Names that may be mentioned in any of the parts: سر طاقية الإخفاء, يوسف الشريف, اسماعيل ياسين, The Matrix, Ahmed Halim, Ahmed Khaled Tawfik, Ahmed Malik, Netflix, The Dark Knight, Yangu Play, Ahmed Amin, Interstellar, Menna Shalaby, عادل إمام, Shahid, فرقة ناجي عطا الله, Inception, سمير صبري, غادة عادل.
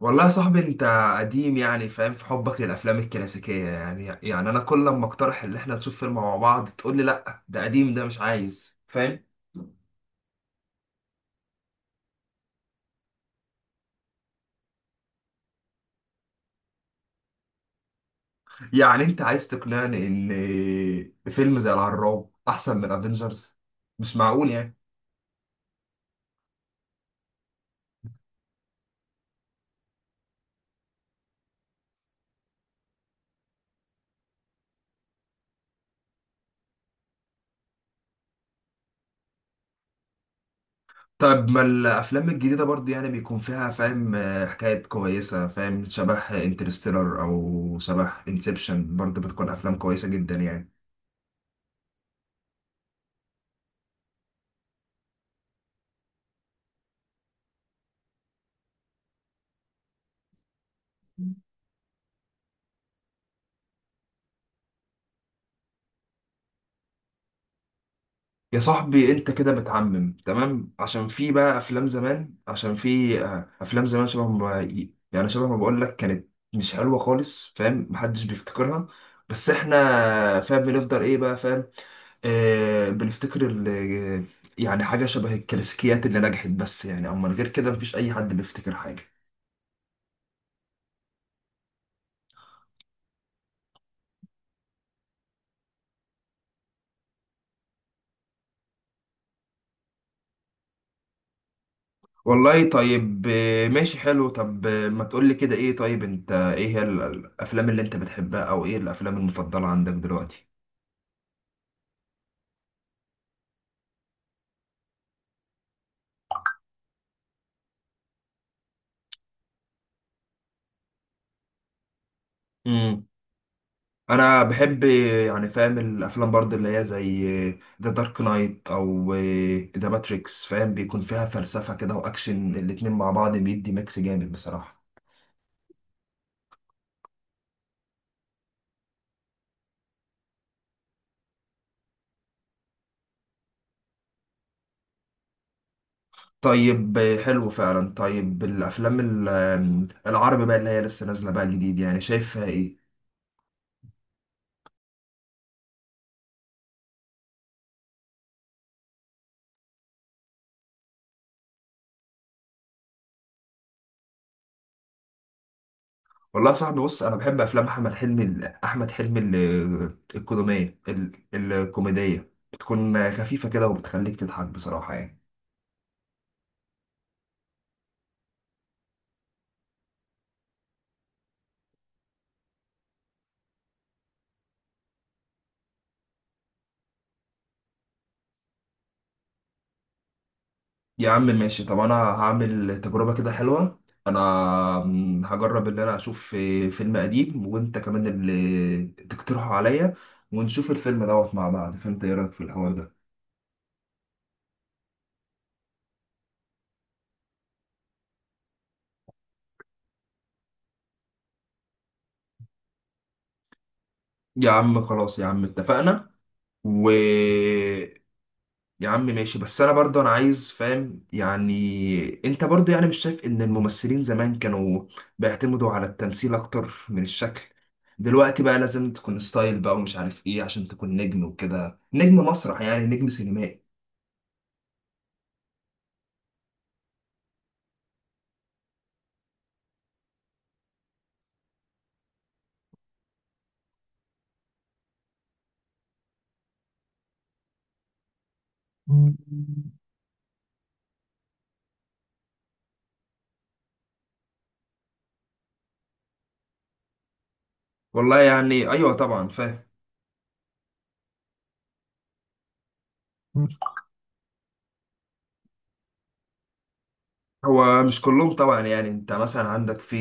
والله يا صاحبي انت قديم، يعني فاهم في حبك للافلام الكلاسيكيه. يعني انا كل لما اقترح ان احنا نشوف فيلم مع بعض تقول لي لا، ده قديم، ده مش عايز، فاهم. يعني انت عايز تقنعني ان فيلم زي الهراب احسن من افنجرز؟ مش معقول يعني. طب ما الافلام الجديده برضه يعني بيكون فيها، فاهم، حكايات كويسه، فاهم، شبه انترستيلر او شبه انسبشن، برضه بتكون افلام كويسه جدا يعني. يا صاحبي انت كده بتعمم. تمام، عشان في بقى افلام زمان، عشان في افلام زمان شبه ما، يعني شبه ما بقول لك، كانت مش حلوه خالص، فاهم، محدش بيفتكرها. بس احنا، فاهم، بنفضل ايه بقى، فاهم، بنفتكر يعني حاجه شبه الكلاسيكيات اللي نجحت، بس يعني اما غير كده مفيش اي حد بيفتكر حاجه. والله طيب، ماشي حلو. طب ما تقول لي كده، ايه طيب انت، ايه هي الافلام اللي انت بتحبها، او ايه الافلام المفضله عندك دلوقتي؟ انا بحب يعني، فاهم، الافلام برضه اللي هي زي ذا دارك نايت او ذا ماتريكس، فاهم، بيكون فيها فلسفة كده واكشن، الاتنين مع بعض بيدي ميكس جامد بصراحة. طيب، حلو فعلا. طيب الافلام العربي بقى اللي هي لسه نازلة بقى جديد، يعني شايفها ايه؟ والله يا صاحبي بص، انا بحب افلام احمد حلمي الكوميدية، بتكون خفيفة كده وبتخليك تضحك بصراحة يعني. يا عم ماشي. طب انا هعمل تجربة كده حلوة. انا، هجرب ان انا اشوف فيلم قديم، وانت كمان اللي تقترحه عليا، ونشوف الفيلم دوت مع بعض. فانت ايه رأيك في الحوار ده؟ يا عم خلاص، يا عم اتفقنا. و يا عم ماشي، بس انا برضه انا عايز، فاهم يعني، انت برضه يعني مش شايف ان الممثلين زمان كانوا بيعتمدوا على التمثيل اكتر من الشكل؟ دلوقتي بقى لازم تكون ستايل بقى، ومش عارف ايه، عشان تكون نجم وكده، نجم مسرح يعني، نجم سينمائي. والله يعني ايوه طبعا فاهم. هو مش كلهم طبعا يعني، انت مثلا عندك في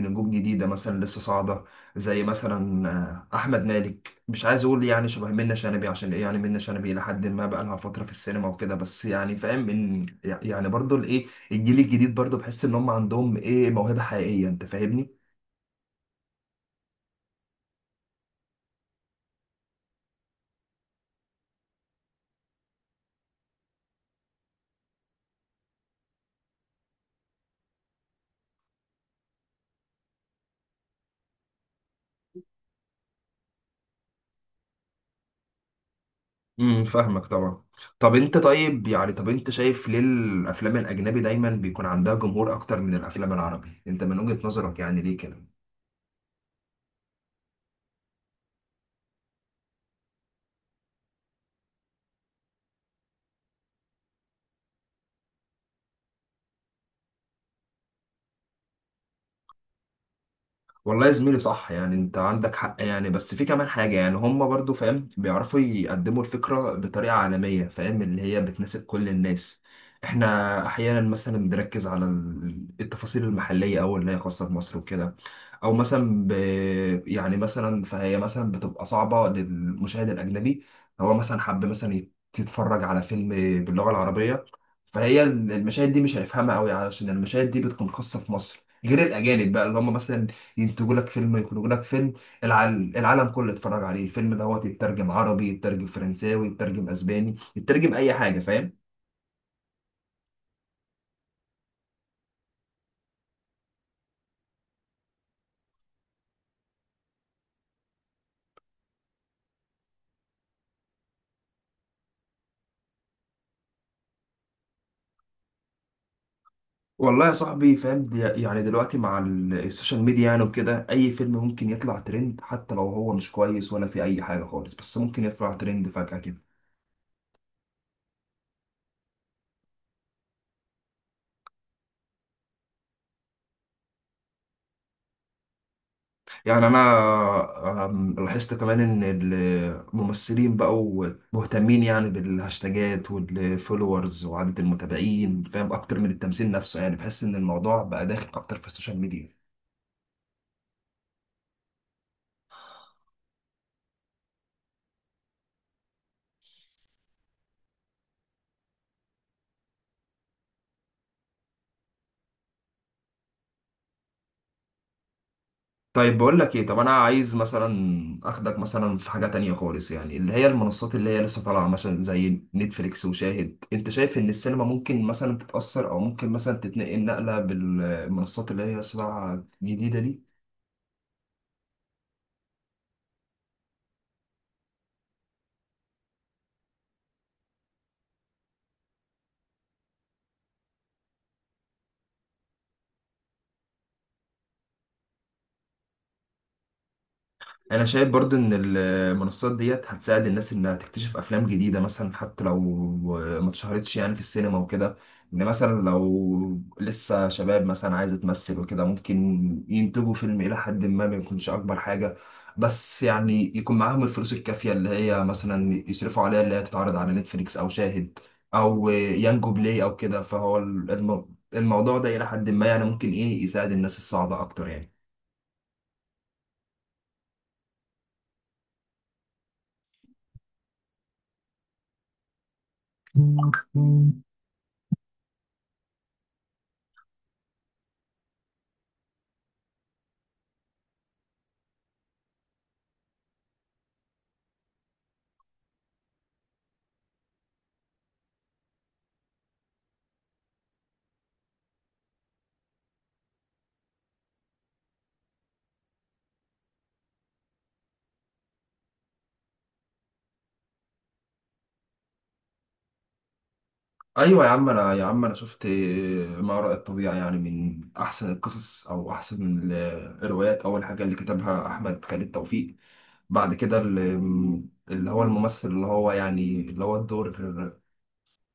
نجوم جديدة مثلا لسه صاعدة، زي مثلا أحمد مالك. مش عايز أقول يعني شبه منة شلبي، عشان إيه يعني، منة شلبي إلى حد ما بقى لها فترة في السينما وكده، بس يعني فاهم إن يعني برضو الإيه، الجيل الجديد برضو بحس إن هم عندهم إيه موهبة حقيقية. أنت فاهمني؟ فاهمك طبعا. طب أنت طيب يعني، طب أنت شايف ليه الأفلام الأجنبي دايما بيكون عندها جمهور أكتر من الأفلام العربي؟ أنت من وجهة نظرك يعني ليه كده؟ والله يا زميلي صح، يعني انت عندك حق يعني. بس في كمان حاجة يعني، هم برضو، فاهم، بيعرفوا يقدموا الفكرة بطريقة عالمية، فاهم، اللي هي بتناسب كل الناس. احنا احيانا مثلا بنركز على التفاصيل المحلية او اللي هي خاصة بمصر وكده، او مثلا يعني مثلا، فهي مثلا بتبقى صعبة للمشاهد الاجنبي. هو مثلا حب مثلا يتفرج على فيلم باللغة العربية، فهي المشاهد دي مش هيفهمها قوي، عشان المشاهد دي بتكون خاصة في مصر، غير الاجانب بقى اللي هم مثلا ينتجوا لك فيلم، يخرجوا لك فيلم العالم كله يتفرج عليه، الفيلم دوت يترجم عربي، يترجم فرنساوي، يترجم اسباني، يترجم اي حاجه، فاهم. والله يا صاحبي، فاهم دي يعني، دلوقتي مع السوشيال ميديا يعني وكده، اي فيلم ممكن يطلع ترند، حتى لو هو مش كويس ولا في اي حاجه خالص، بس ممكن يطلع ترند فجاه كده. يعني انا لاحظت كمان ان الممثلين بقوا مهتمين يعني بالهاشتاجات والفولورز وعدد المتابعين، فاهم، اكتر من التمثيل نفسه، يعني بحس ان الموضوع بقى داخل اكتر في السوشيال ميديا. طيب بقول لك ايه، طب انا عايز مثلا اخدك مثلا في حاجة تانية خالص يعني، اللي هي المنصات اللي هي لسه طالعة، مثلا زي نتفليكس وشاهد. انت شايف ان السينما ممكن مثلا تتأثر، او ممكن مثلا تتنقل نقلة بالمنصات اللي هي لسه طالعة جديدة دي؟ انا شايف برضو ان المنصات ديت هتساعد الناس انها تكتشف افلام جديده مثلا، حتى لو ما اتشهرتش يعني في السينما وكده، ان مثلا لو لسه شباب مثلا عايزه تمثل وكده، ممكن ينتجوا فيلم الى حد ما، ما يكونش اكبر حاجه، بس يعني يكون معاهم الفلوس الكافيه اللي هي مثلا يصرفوا عليها، اللي هي تتعرض على نتفليكس او شاهد او يانجو بلاي او كده. فهو الموضوع ده الى حد ما يعني ممكن ايه يساعد الناس الصعبه اكتر. يعني ايوه يا عم انا شفت ما وراء الطبيعه، يعني من احسن القصص او احسن الروايات. اول حاجه اللي كتبها احمد خالد توفيق، بعد كده اللي هو الممثل، اللي هو يعني اللي هو الدور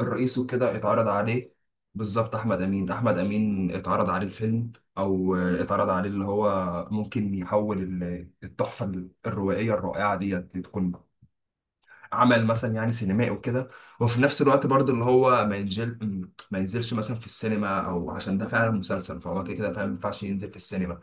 الرئيسي وكده، اتعرض عليه. بالظبط احمد امين، احمد امين اتعرض عليه الفيلم، او اتعرض عليه اللي هو ممكن يحول التحفه الروائيه الرائعه ديت تكون عمل مثلا يعني سينمائي وكده. وفي نفس الوقت برضو اللي هو ما ينزلش مثلا في السينما، او عشان ده فعلا مسلسل، فهو كده كده فعلا ما ينفعش ينزل في السينما.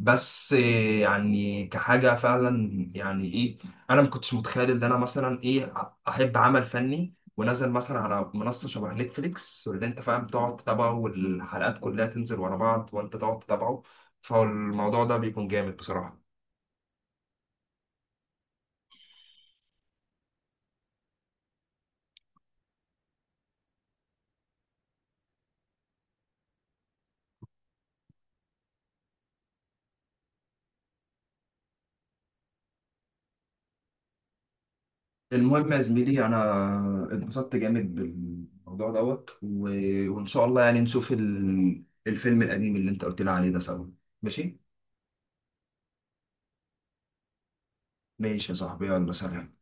بس إيه، يعني كحاجة فعلا يعني ايه، انا ما كنتش متخيل ان انا مثلا، ايه، احب عمل فني ونزل مثلا على منصة شبه نتفليكس، واللي انت فاهم تقعد تتابعه، والحلقات كلها تنزل ورا بعض وانت تقعد تتابعه. فالموضوع ده بيكون جامد بصراحة. المهم يا زميلي، انا اتبسطت جامد بالموضوع دوت، وان شاء الله يعني نشوف الفيلم القديم اللي انت قلت لي عليه ده سوا. ماشي. ماشي يا صاحبي، يلا، سلام.